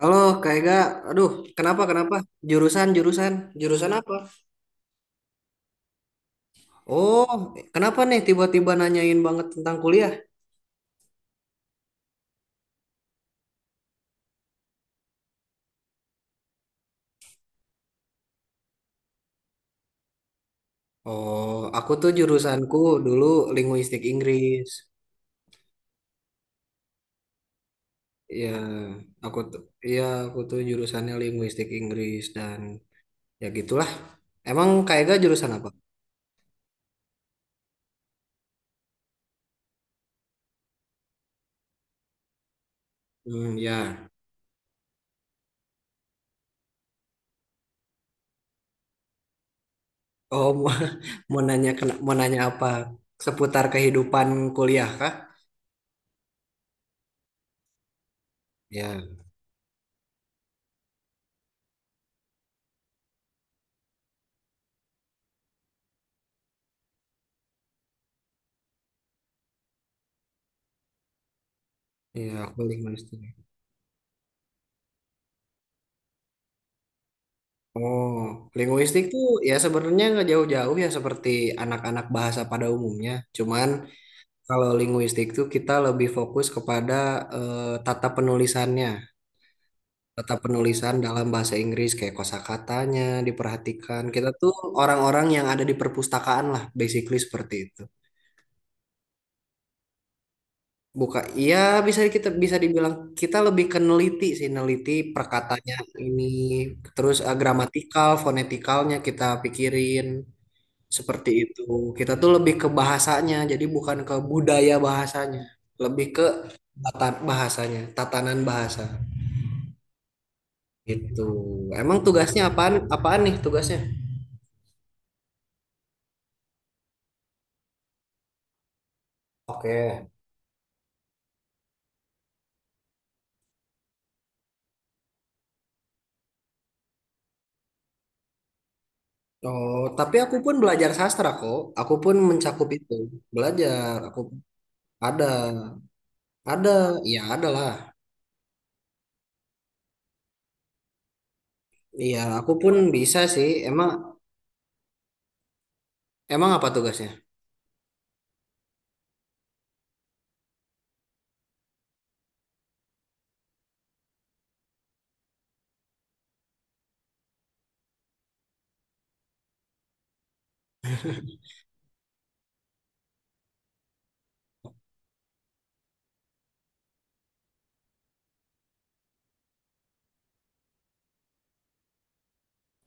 Halo, Kak Ega. Aduh, kenapa, kenapa? Jurusan, jurusan. Jurusan apa? Oh, kenapa nih tiba-tiba nanyain banget tentang kuliah? Oh, aku tuh jurusanku dulu linguistik Inggris. Ya, aku tuh, ya, aku tuh jurusannya linguistik Inggris dan ya gitulah. Emang Kak Ega jurusan apa? Hmm, ya. Oh, mau mau nanya apa? Seputar kehidupan kuliah kah? Ya, ya, aku linguistik. Oh, linguistik tuh ya sebenarnya nggak jauh-jauh ya seperti anak-anak bahasa pada umumnya. Cuman kalau linguistik tuh kita lebih fokus kepada tata penulisannya, tata penulisan dalam bahasa Inggris kayak kosakatanya diperhatikan. Kita tuh orang-orang yang ada di perpustakaan lah, basically seperti itu. Iya bisa kita bisa dibilang kita lebih ke neliti sih, neliti perkatanya ini, terus gramatikal, fonetikalnya kita pikirin. Seperti itu. Kita tuh lebih ke bahasanya, jadi bukan ke budaya bahasanya, lebih ke bahasanya, tatanan bahasa gitu. Emang tugasnya apaan? Apaan nih tugasnya? Oke. Oh, tapi aku pun belajar sastra kok. Aku pun mencakup itu. Aku ada, ada, iya ada lah. Iya, aku pun bisa sih. Emang apa tugasnya?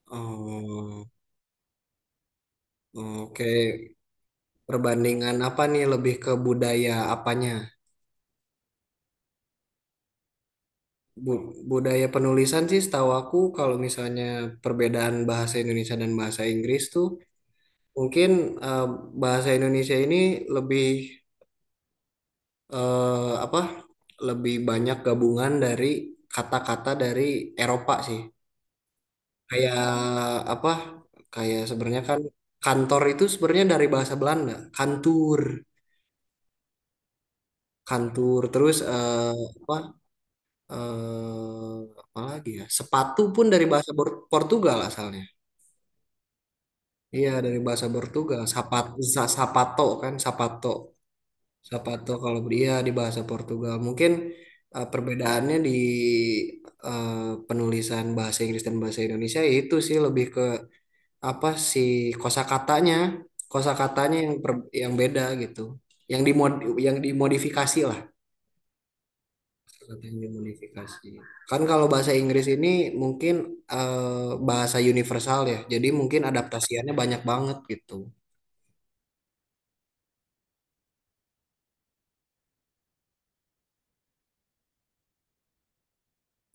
Oh, oke. Perbandingan apa nih? Lebih ke budaya apanya? Budaya penulisan sih setahu aku kalau misalnya perbedaan bahasa Indonesia dan bahasa Inggris tuh mungkin eh, bahasa Indonesia ini lebih eh, apa lebih banyak gabungan dari kata-kata dari Eropa sih kayak apa kayak sebenarnya kan kantor itu sebenarnya dari bahasa Belanda kantur kantur terus apa apa lagi ya sepatu pun dari bahasa Portugal asalnya. Iya dari bahasa Portugal, sapato kan, sapato, sapato kalau dia di bahasa Portugal. Mungkin perbedaannya di eh, penulisan bahasa Inggris dan bahasa Indonesia itu sih lebih ke apa sih kosakatanya, kosakatanya yang yang beda gitu, yang dimod, yang dimodifikasi lah, kosakata yang dimodifikasi. Kan kalau bahasa Inggris ini mungkin bahasa universal ya, jadi mungkin adaptasiannya banyak banget gitu.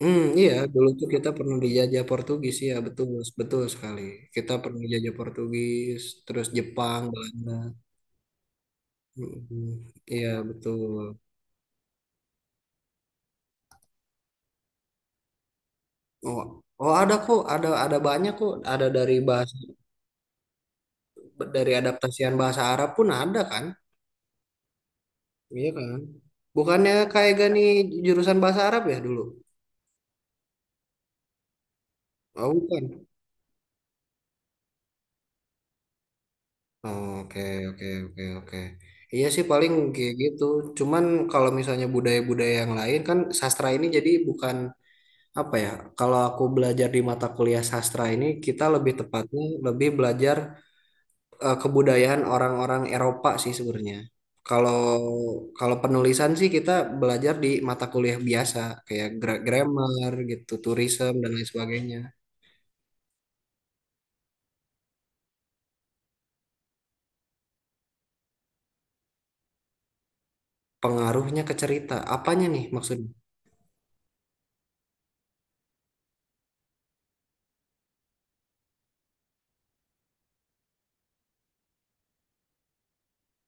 Hmm, iya, dulu tuh kita pernah dijajah Portugis, ya betul, betul sekali. Kita pernah dijajah Portugis, terus Jepang, Belanda. Hmm, iya betul. Oh, oh ada kok, ada banyak kok, ada dari bahasa dari adaptasian bahasa Arab pun ada kan? Iya kan? Bukannya kayak gani jurusan bahasa Arab ya dulu? Oh, bukan. Oh, oke, oke, oke, oke. Iya sih paling kayak gitu. Cuman kalau misalnya budaya-budaya yang lain kan sastra ini jadi bukan apa ya, kalau aku belajar di mata kuliah sastra ini, kita lebih tepatnya lebih belajar kebudayaan orang-orang Eropa sih sebenarnya. Kalau kalau penulisan sih kita belajar di mata kuliah biasa, kayak grammar gitu, tourism dan lain sebagainya. Pengaruhnya ke cerita, apanya nih maksudnya?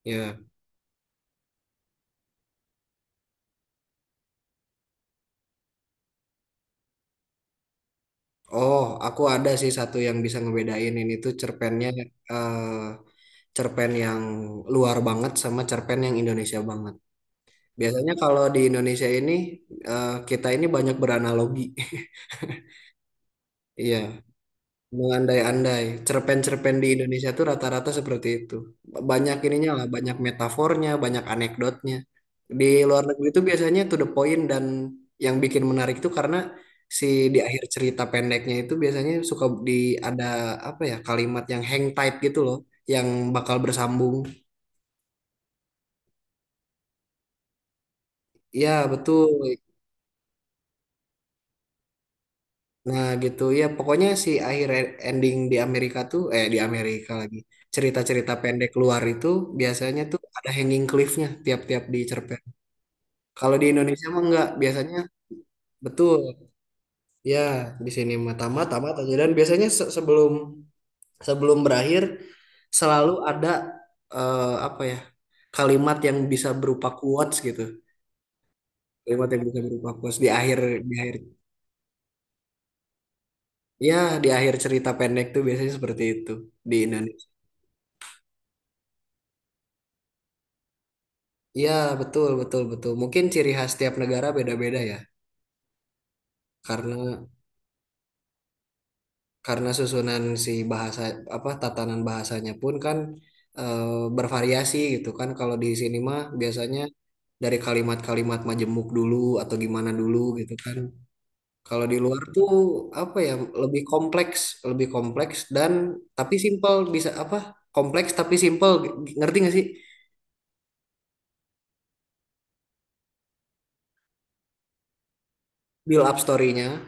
Ya, oh, aku ada sih satu yang bisa ngebedain ini tuh cerpennya eh cerpen yang luar banget sama cerpen yang Indonesia banget. Biasanya kalau di Indonesia ini kita ini banyak beranalogi. Iya, mengandai-andai. Cerpen-cerpen di Indonesia tuh rata-rata seperti itu. Banyak ininya lah, banyak metafornya, banyak anekdotnya. Di luar negeri itu biasanya to the point dan yang bikin menarik itu karena si di akhir cerita pendeknya itu biasanya suka di ada apa ya kalimat yang hang tight gitu loh, yang bakal bersambung. Iya, betul. Nah gitu ya pokoknya si akhir ending di Amerika tuh di Amerika lagi cerita-cerita pendek luar itu biasanya tuh ada hanging cliffnya tiap-tiap di cerpen. Kalau di Indonesia mah enggak biasanya betul ya di sini mah tamat tamat aja dan biasanya se- sebelum sebelum berakhir selalu ada eh, apa ya kalimat yang bisa berupa quotes gitu kalimat yang bisa berupa quotes di akhir di akhir ya di akhir cerita pendek tuh biasanya seperti itu di Indonesia. Iya, betul, betul, betul. Mungkin ciri khas tiap negara beda-beda ya. Karena karena susunan si bahasa apa tatanan bahasanya pun kan eh, bervariasi gitu kan. Kalau di sini mah biasanya dari kalimat-kalimat majemuk dulu atau gimana dulu gitu kan. Kalau di luar tuh apa ya lebih kompleks, lebih kompleks dan tapi simpel bisa apa? Kompleks tapi simpel. Ngerti gak sih build up story-nya?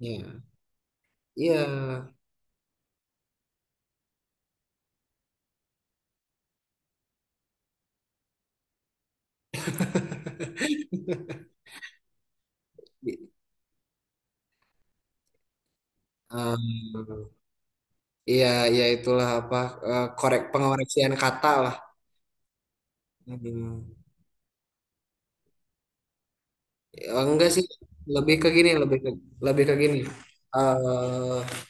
Iya. Iya. Di- eh, Iya, ya itulah apa korek pengoreksian kata lah. Hmm. Ya, enggak sih, lebih ke gini, lebih ke gini. eh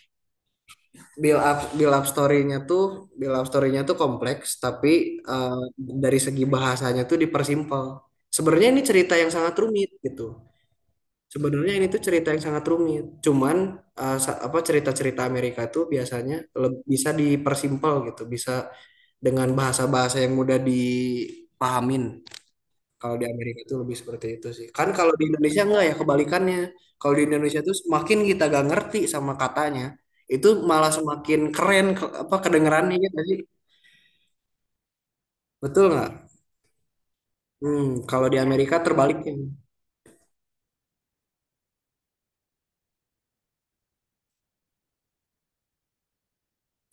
Build up story-nya tuh build up story-nya tuh kompleks, tapi eh, dari segi bahasanya tuh dipersimpel. Sebenarnya ini cerita yang sangat rumit gitu. Sebenarnya ini tuh cerita yang sangat rumit. Cuman eh, sa- apa cerita-cerita Amerika tuh biasanya bisa dipersimpel gitu, bisa dengan bahasa-bahasa yang mudah dipahamin. Kalau di Amerika itu lebih seperti itu sih. Kan kalau di Indonesia enggak ya kebalikannya. Kalau di Indonesia tuh semakin kita gak ngerti sama katanya, itu malah semakin keren ke- apa kedengerannya ya tadi. Betul nggak? Hmm, kalau di Amerika terbaliknya.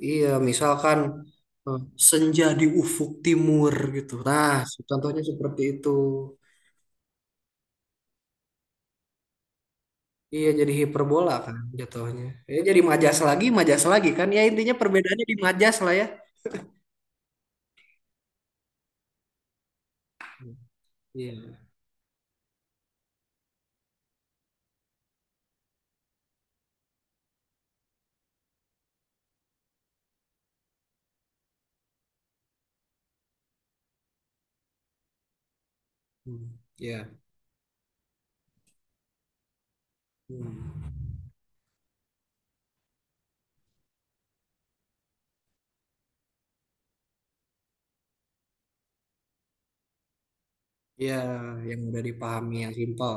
Iya, misalkan eh, senja di ufuk timur gitu. Nah, contohnya seperti itu. Iya, jadi hiperbola kan jatuhnya. Ya, jadi majas lagi kan. Ya intinya perbedaannya di majas lah ya. Iya. Hmm, iya. Hmm. Iya, yang udah dipahami, yang simpel.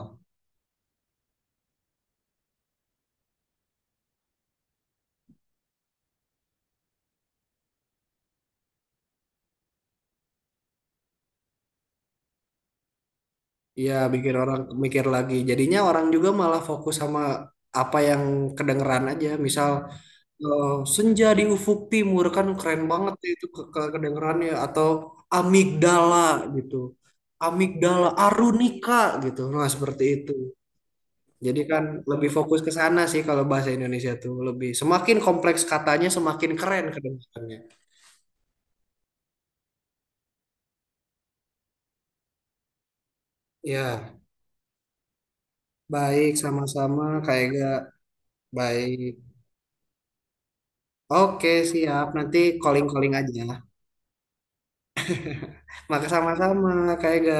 Iya, bikin orang mikir lagi. Jadinya orang juga malah fokus sama apa yang kedengeran aja. Misal eh, senja di ufuk timur kan keren banget ya itu kedengerannya atau amigdala gitu. Amigdala arunika gitu. Nah, seperti itu. Jadi kan lebih fokus ke sana sih kalau bahasa Indonesia tuh lebih semakin kompleks katanya semakin keren kedengarannya. Ya, baik sama-sama kayak gak baik. Oke, siap. Nanti calling-calling aja. Maka sama-sama, Kak Ega.